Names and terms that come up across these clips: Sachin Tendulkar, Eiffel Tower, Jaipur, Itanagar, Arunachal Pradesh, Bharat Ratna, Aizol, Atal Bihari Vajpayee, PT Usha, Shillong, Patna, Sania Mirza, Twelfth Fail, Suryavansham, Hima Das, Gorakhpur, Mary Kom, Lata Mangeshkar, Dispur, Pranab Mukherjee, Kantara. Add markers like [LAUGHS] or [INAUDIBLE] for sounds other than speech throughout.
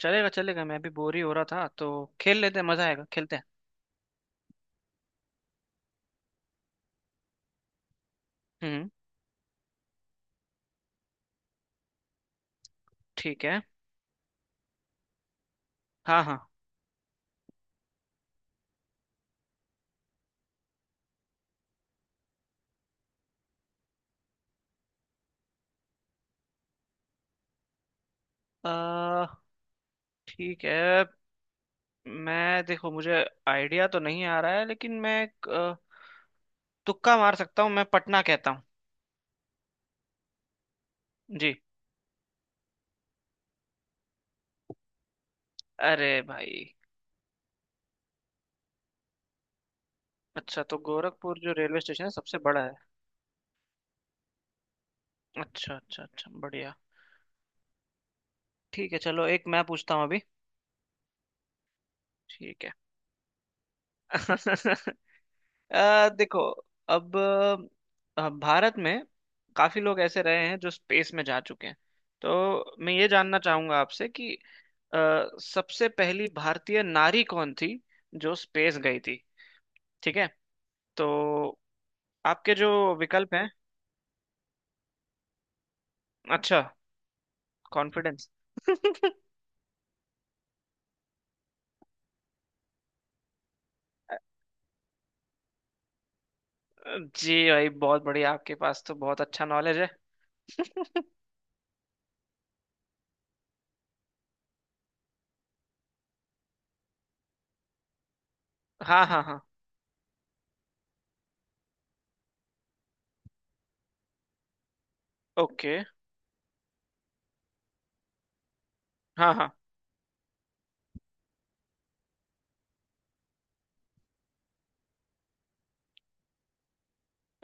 चलेगा चलेगा। मैं भी बोर ही हो रहा था, तो खेल लेते हैं। मजा आएगा। खेलते हैं। हम्म। ठीक है। हाँ हाँ। आ, ठीक है। मैं, देखो, मुझे आइडिया तो नहीं आ रहा है, लेकिन मैं एक, तुक्का मार सकता हूँ। मैं पटना कहता हूँ। जी। अरे भाई। अच्छा, तो गोरखपुर जो रेलवे स्टेशन है सबसे बड़ा है। अच्छा अच्छा अच्छा। बढ़िया। ठीक है, चलो, एक मैं पूछता हूँ अभी। ठीक है। [LAUGHS] देखो। अब भारत में काफी लोग ऐसे रहे हैं जो स्पेस में जा चुके हैं। तो मैं ये जानना चाहूंगा आपसे कि अ, सबसे पहली भारतीय नारी कौन थी जो स्पेस गई थी। ठीक है। तो आपके जो विकल्प हैं। अच्छा। कॉन्फिडेंस। [LAUGHS] जी भाई, बहुत बढ़िया। आपके पास तो बहुत अच्छा नॉलेज है। [LAUGHS] हाँ हाँ हाँ। ओके। हाँ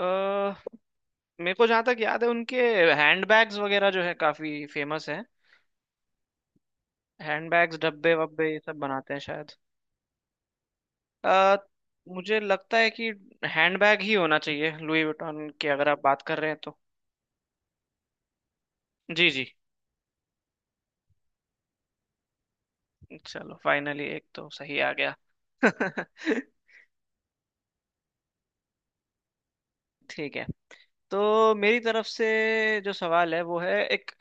हाँ, मेरे को जहाँ तक याद है उनके हैंडबैग्स वगैरह जो है काफी फेमस है। हैंडबैग्स, डब्बे वब्बे, ये सब बनाते हैं शायद। अ, मुझे लगता है कि हैंडबैग ही होना चाहिए लुई वुइटन की, अगर आप बात कर रहे हैं तो। जी जी। चलो, फाइनली एक तो सही आ गया। [LAUGHS] ठीक है। तो मेरी तरफ से जो सवाल है वो है एक।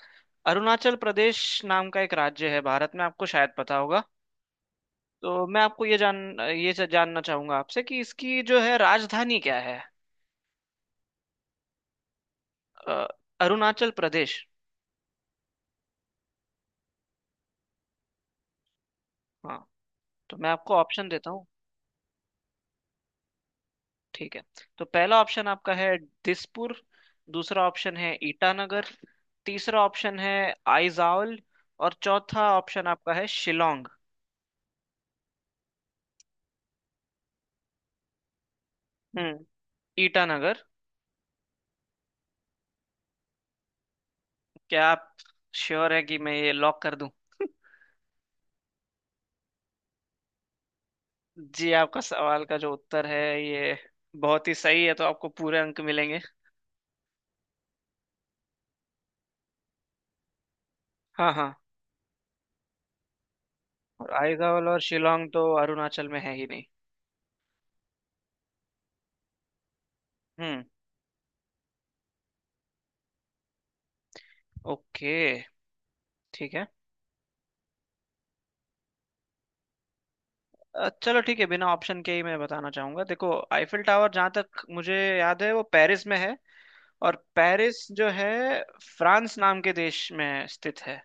अरुणाचल प्रदेश नाम का एक राज्य है भारत में, आपको शायद पता होगा। तो मैं आपको ये जानना चाहूंगा आपसे कि इसकी जो है राजधानी क्या है। अ, अरुणाचल प्रदेश। हाँ। तो मैं आपको ऑप्शन देता हूँ। ठीक है। तो पहला ऑप्शन आपका है दिसपुर। दूसरा ऑप्शन है ईटानगर। तीसरा ऑप्शन है आइजॉल। और चौथा ऑप्शन आपका है शिलोंग। हम्म ईटानगर। क्या आप श्योर है कि मैं ये लॉक कर दूं? [LAUGHS] जी, आपका सवाल का जो उत्तर है ये बहुत ही सही है, तो आपको पूरे अंक मिलेंगे। हाँ हाँ। और आइजॉल और शिलोंग तो अरुणाचल में है ही नहीं। हम्म। ओके। ठीक है। चलो, ठीक है, बिना ऑप्शन के ही मैं बताना चाहूंगा। देखो, आईफिल टावर जहां तक मुझे याद है वो पेरिस में है। और पेरिस जो है फ्रांस नाम के देश में स्थित है।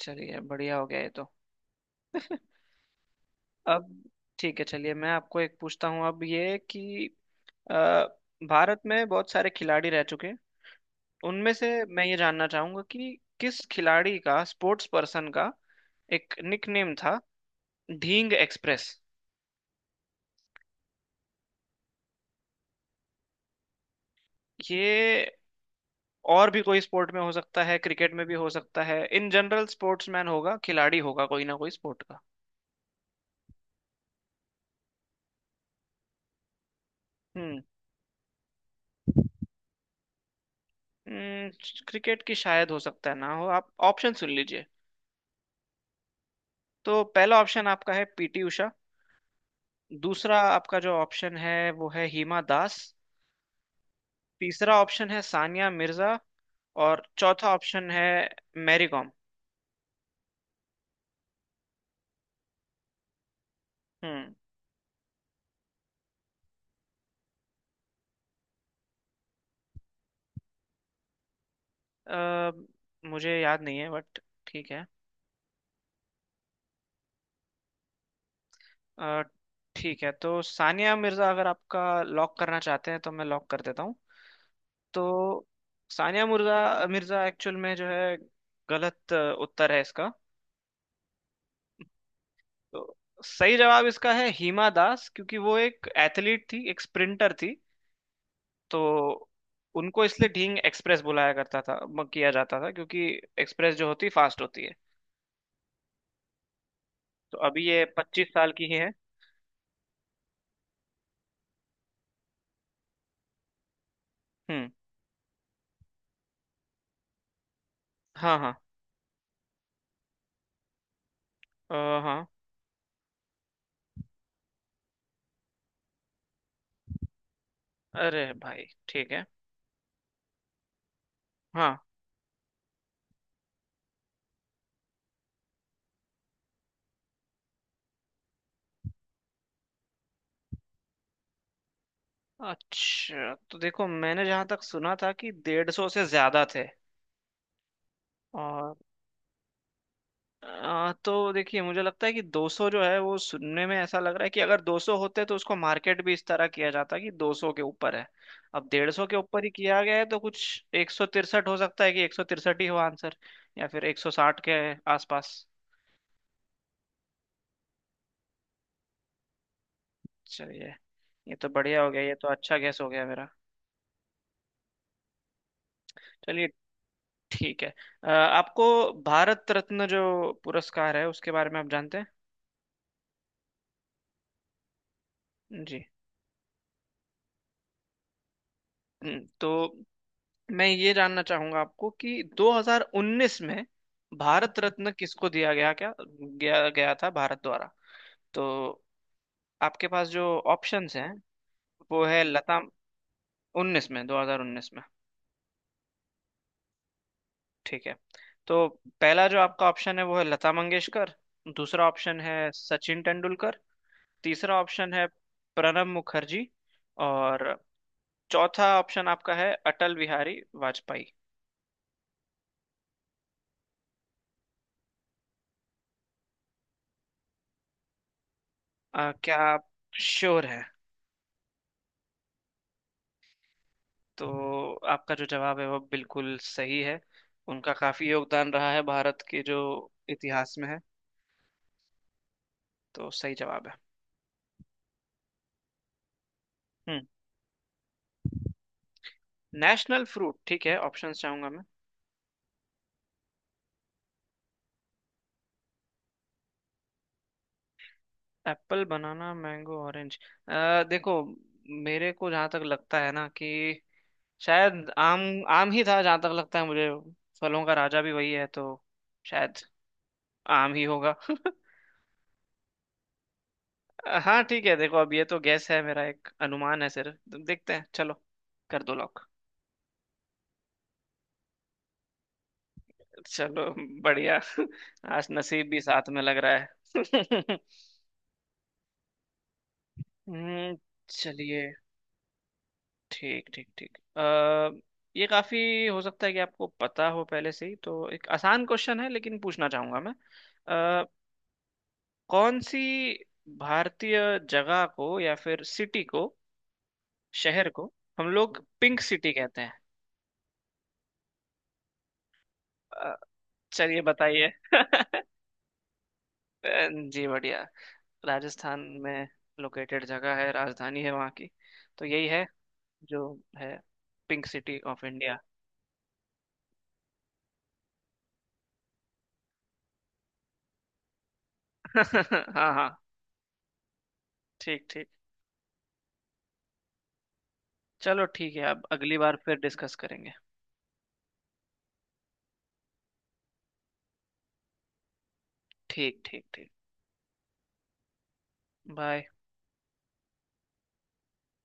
चलिए, बढ़िया हो गया ये तो। अब ठीक है। चलिए मैं आपको एक पूछता हूँ अब ये कि अ, भारत में बहुत सारे खिलाड़ी रह चुके हैं। उनमें से मैं ये जानना चाहूंगा कि किस खिलाड़ी का, स्पोर्ट्स पर्सन का, एक निकनेम था ढींग एक्सप्रेस। ये और भी कोई स्पोर्ट में हो सकता है, क्रिकेट में भी हो सकता है, इन जनरल स्पोर्ट्समैन होगा, खिलाड़ी होगा कोई ना कोई स्पोर्ट का। हम्म हम्म, क्रिकेट की शायद हो सकता है, ना हो, आप ऑप्शन सुन लीजिए। तो पहला ऑप्शन आपका है पीटी उषा। दूसरा आपका जो ऑप्शन है वो है हिमा दास। तीसरा ऑप्शन है सानिया मिर्जा। और चौथा ऑप्शन है मैरी कॉम। हम्म। अ, मुझे याद नहीं है, बट ठीक है। अ, ठीक है। तो सानिया मिर्जा अगर आपका लॉक करना चाहते हैं तो मैं लॉक कर देता हूँ। तो सानिया मिर्जा मिर्जा एक्चुअल में जो है गलत उत्तर है इसका। तो सही जवाब इसका है हिमा दास, क्योंकि वो एक एथलीट थी, एक स्प्रिंटर थी। तो उनको इसलिए ढींग एक्सप्रेस बुलाया करता था, किया जाता था, क्योंकि एक्सप्रेस जो होती फास्ट होती है। तो अभी ये 25 साल की ही है। हम्म। हाँ हाँ। अ, हाँ। अरे भाई, ठीक है। हाँ। अच्छा, तो देखो, मैंने जहां तक सुना था कि 150 से ज्यादा थे। और तो देखिए, मुझे लगता है कि 200 जो है वो सुनने में ऐसा लग रहा है कि अगर 200 होते तो उसको मार्केट भी इस तरह किया जाता कि 200 के ऊपर है। अब 150 के ऊपर ही किया गया है तो कुछ 163 हो सकता है, कि 163 ही हो आंसर। या फिर 160 के आसपास। चलिए, ये तो बढ़िया हो गया। ये तो अच्छा गैस हो गया मेरा। चलिए ठीक है। आपको भारत रत्न जो पुरस्कार है उसके बारे में आप जानते हैं जी। तो मैं ये जानना चाहूंगा आपको कि 2019 में भारत रत्न किसको दिया गया क्या गया गया था भारत द्वारा। तो आपके पास जो ऑप्शंस हैं वो है लता। 19 में, 2019 में। ठीक है। तो पहला जो आपका ऑप्शन है वो है लता मंगेशकर। दूसरा ऑप्शन है सचिन तेंदुलकर। तीसरा ऑप्शन है प्रणब मुखर्जी। और चौथा ऑप्शन आपका है अटल बिहारी वाजपेयी। क्या आप श्योर है? तो आपका जो जवाब है वो बिल्कुल सही है। उनका काफी योगदान रहा है भारत के जो इतिहास में है। तो सही जवाब है। हम्म नेशनल फ्रूट, ठीक है, ऑप्शंस चाहूंगा मैं। Apple, banana, mango, orange. देखो, मेरे को जहां तक लगता है ना कि शायद आम। आम ही था जहां तक लगता है मुझे। फलों का राजा भी वही है, तो शायद आम ही होगा। [LAUGHS] हाँ ठीक है, देखो अब ये तो गैस है, मेरा एक अनुमान है सिर्फ, तो देखते हैं, चलो, कर दो लॉक। चलो। बढ़िया। आज नसीब भी साथ में लग रहा है। [LAUGHS] हम्म। चलिए। ठीक ठीक ठीक। ये काफी, हो सकता है कि आपको पता हो पहले से ही, तो एक आसान क्वेश्चन है लेकिन पूछना चाहूंगा मैं। अ, कौन सी भारतीय जगह को या फिर सिटी को, शहर को, हम लोग पिंक सिटी कहते हैं? अ, चलिए बताइए। [LAUGHS] जी, बढ़िया। राजस्थान में लोकेटेड जगह है, राजधानी है वहाँ की, तो यही है जो है पिंक सिटी ऑफ इंडिया। [LAUGHS] हाँ हाँ। ठीक ठीक। चलो ठीक है, अब अगली बार फिर डिस्कस करेंगे। ठीक ठीक ठीक। बाय।